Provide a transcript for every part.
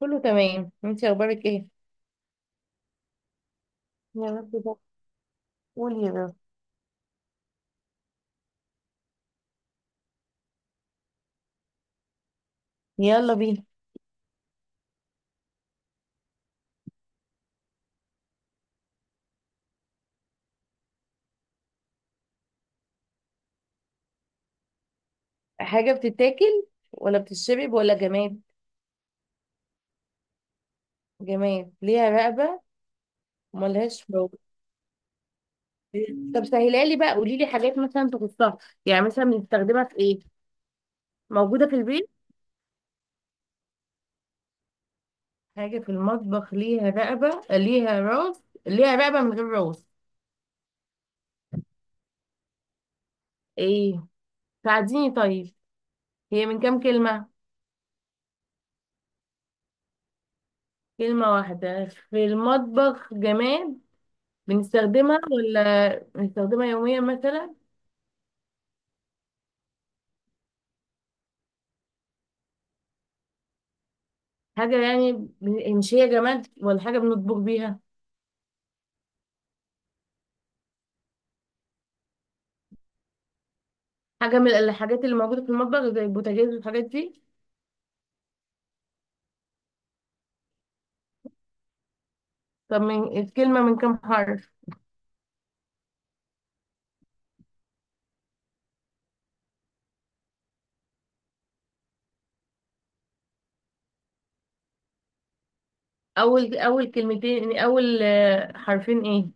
كله تمام، انت اخبارك ايه؟ يا رب ده. قول يا رب. يلا بينا. حاجه بتتاكل ولا بتشرب ولا جماد؟ جماد ليها رقبه وملهاش فوق. طب سهلها لي بقى، قولي لي حاجات مثلا تخصها. يعني مثلا بنستخدمها في ايه؟ موجوده في البيت؟ حاجه في المطبخ ليها رقبه، ليها راس، ليها رقبه من غير راس؟ ايه، ساعديني طيب. هي من كام كلمه؟ كلمه واحده؟ في المطبخ جماد. بنستخدمها ولا بنستخدمها يوميا مثلا؟ حاجة يعني، مش هي جماد ولا حاجة بنطبخ بيها؟ حاجة من الحاجات اللي موجودة في المطبخ زي البوتاجاز والحاجات دي؟ طب من الكلمة من كام حرف؟ أول كلمتين يعني، أول حرفين إيه؟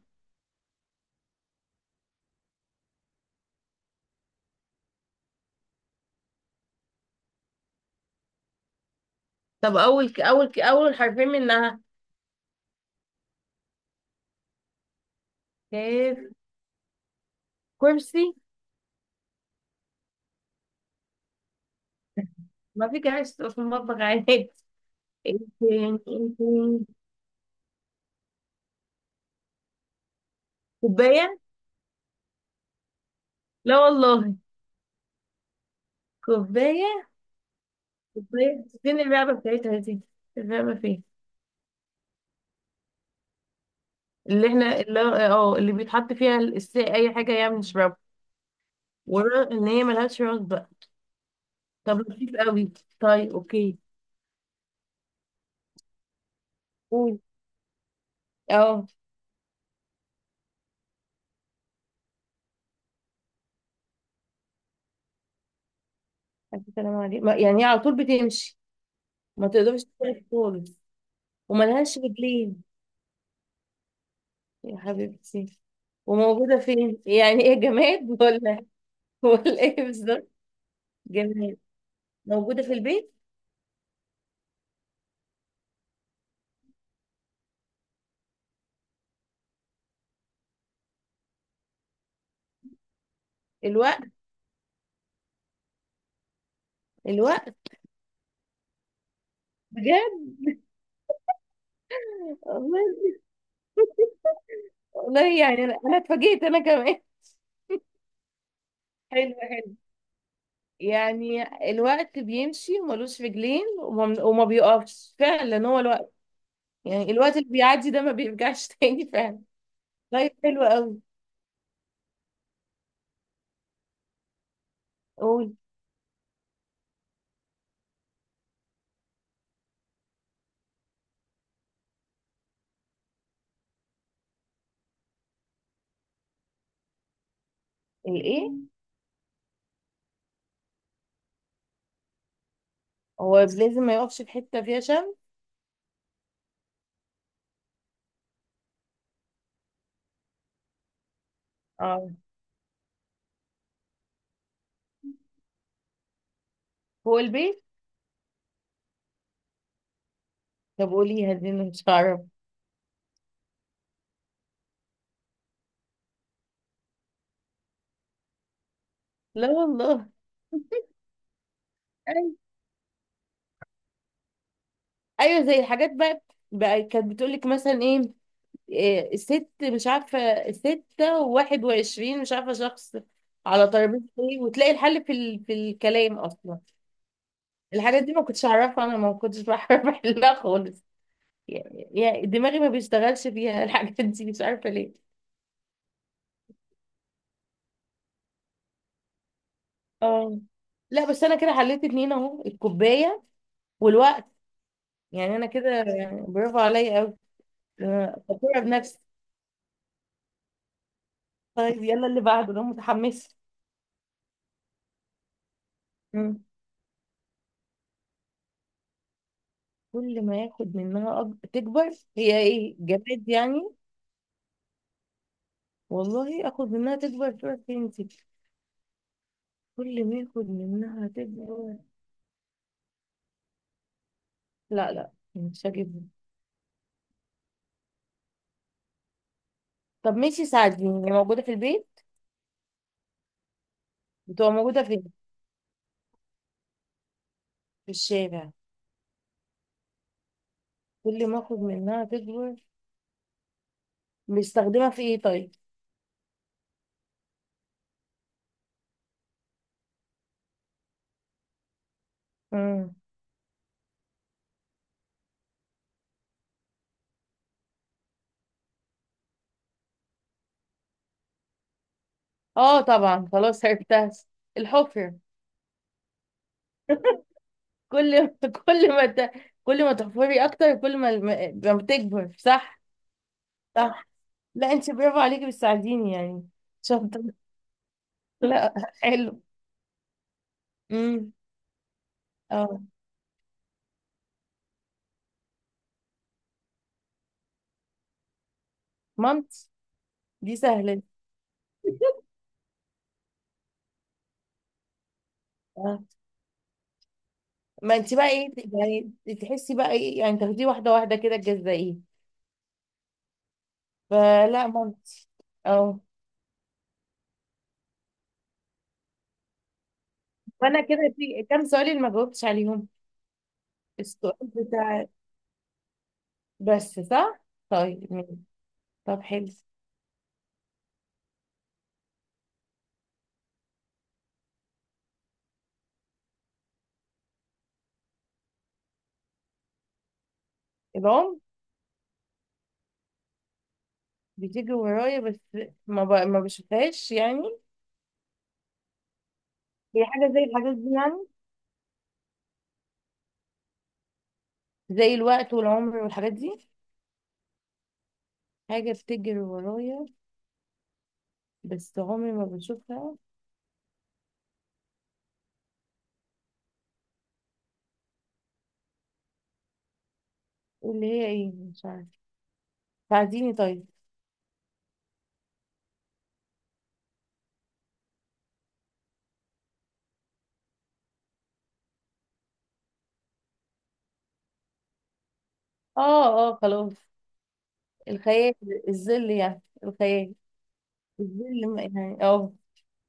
طب أول حرفين منها؟ كيف؟ كرسي؟ ما في كراسي في المطبخ عادي. إيه تاني؟ إيه تاني؟ كوباية؟ لا والله. كوباية؟ كوباية فين اللعبة بتاعتها دي؟ اللعبة فين؟ اللي اه، اللي بيتحط فيها اي حاجه يعني نشربها؟ ورا ان هي ملهاش راس بقى. طب لطيف قوي. طيب اوكي. قول. اه. الف سلام عليك. يعني هي على طول بتمشي؟ ما تقدرش تقف خالص؟ وملهاش رجلين؟ يا حبيبتي. وموجودة فين؟ يعني ايه، جماد ولا ولا ايه بالظبط؟ جماد؟ موجودة في البيت؟ الوقت. الوقت. بجد؟ والله. والله يعني انا اتفاجئت انا كمان. حلو حلو يعني. الوقت بيمشي وملوش رجلين وما بيقفش فعلا، هو الوقت. يعني الوقت اللي بيعدي ده ما بيرجعش تاني فعلا. طيب حلو قوي. قول. الايه؟ هو لازم ما يقفش في حته فيها شمس؟ اه، فوق البيت. طب قوليها دي انا مش هعرف. لا والله ايوه. أيوة، زي الحاجات بقى، بقى كانت بتقول لك مثلا ايه. إيه، ست مش عارفه، ستة وواحد وعشرين مش عارفه شخص على ترابيزه ايه، وتلاقي الحل في الكلام اصلا. الحاجات دي ما كنتش اعرفها، انا ما كنتش بعرف احلها خالص. يعني دماغي ما بيشتغلش فيها الحاجات دي، مش عارفة ليه. اه. لا بس انا كده حليت اتنين اهو، الكوباية والوقت. يعني انا كده يعني برافو عليا قوي، فخورة بنفسي. طيب يلا اللي بعده، انا متحمسة. مم. كل ما ياخد منها أك... تكبر. هي ايه، جماد يعني؟ والله اخد منها تكبر تروح فين دي؟ كل ما ياخد منها تكبر. لا لا، مش هجيبها. طب ماشي ساعديني، هي موجودة في البيت؟ بتبقى موجودة فين؟ في الشارع. كل ما اخد منها تكبر، بيستخدمها في ايه طيب؟ امم. اه طبعا، خلاص عرفتها. الحفر. كل، كل ما ت... كل ما تحفري اكتر، كل ما ما بتكبر، صح؟ صح. لا انت برافو عليكي، بتساعديني يعني. شاطر. لا. حلو. امم. اه. مامتي. دي سهله. اه. ما انت بقى ايه يعني؟ تحسي بقى ايه يعني، تاخديه واحده واحده كده، تجزئيه. فلا مامتي. اه. وانا كده في كام سؤال اللي ما جاوبتش عليهم؟ السؤال بتاع، بس صح. طيب ماشي. طب حلو. العمر؟ بتيجي ورايا بس ما بشوفهاش يعني. هي حاجة زي الحاجات دي يعني؟ زي الوقت والعمر والحاجات دي. حاجة بتجري ورايا بس عمري ما بشوفها. اللي هي ايه؟ مش عارفة، ساعديني طيب. اه اه خلاص. الخيال. الظل يعني الخيال. الظل يعني اه.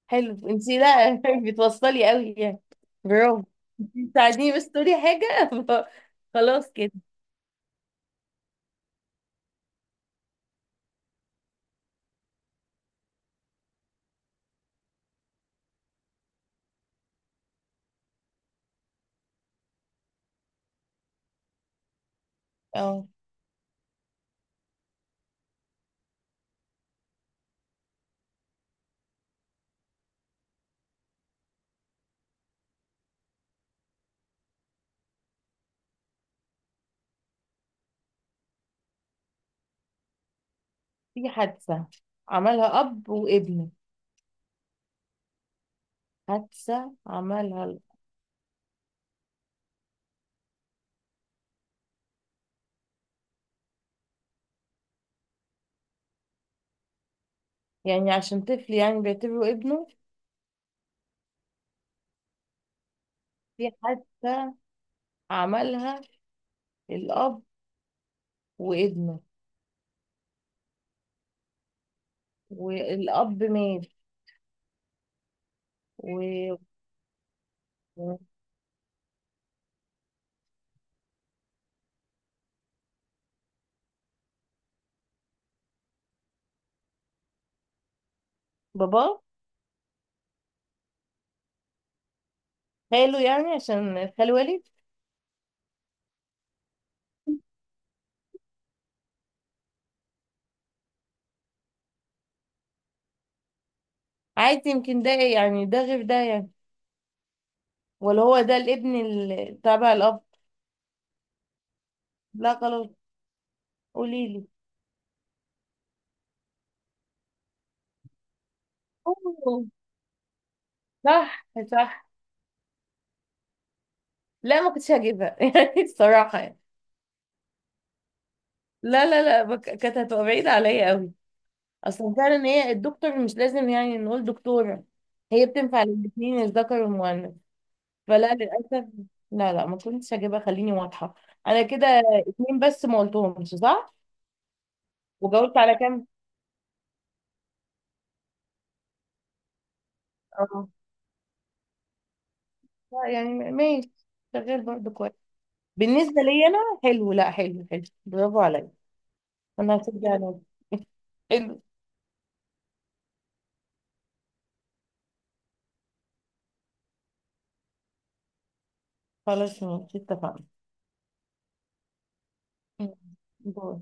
حلو انتي، لا بتوصلي قوي يعني. برافو. انتي بتساعديني بس تقولي حاجة. خلاص كده. اه. في حادثة عملها أب وابنه. حادثة عملها يعني عشان طفل يعني بيعتبره ابنه؟ في حادثة عملها الأب وابنه، والأب مات. وباباه، خاله يعني عشان خال والد؟ عادي يمكن ده يعني، ده غير ده يعني؟ ولا هو ده الابن تبع الأب؟ لا خلاص، قوليلي. أوه، صح صح. لا ما كنتش هجيبها يعني الصراحة يعني. لا لا لا، كانت هتبقى بعيدة عليا قوي. اصلا فعلا هي الدكتور مش لازم يعني نقول دكتورة، هي بتنفع للاتنين، الذكر والمؤنث. فلا للاسف. لا لا، ما كنتش هجيبها خليني واضحة. انا كده اتنين بس ما قلتهمش صح. وجاوبت على كام؟ اه. لا يعني ماشي، شغال برضه كويس. بالنسبة لي انا حلو، لا حلو حلو برافو عليا. انا هشجع نفسي. حلو. خلاص ماشي اتفقنا. دور.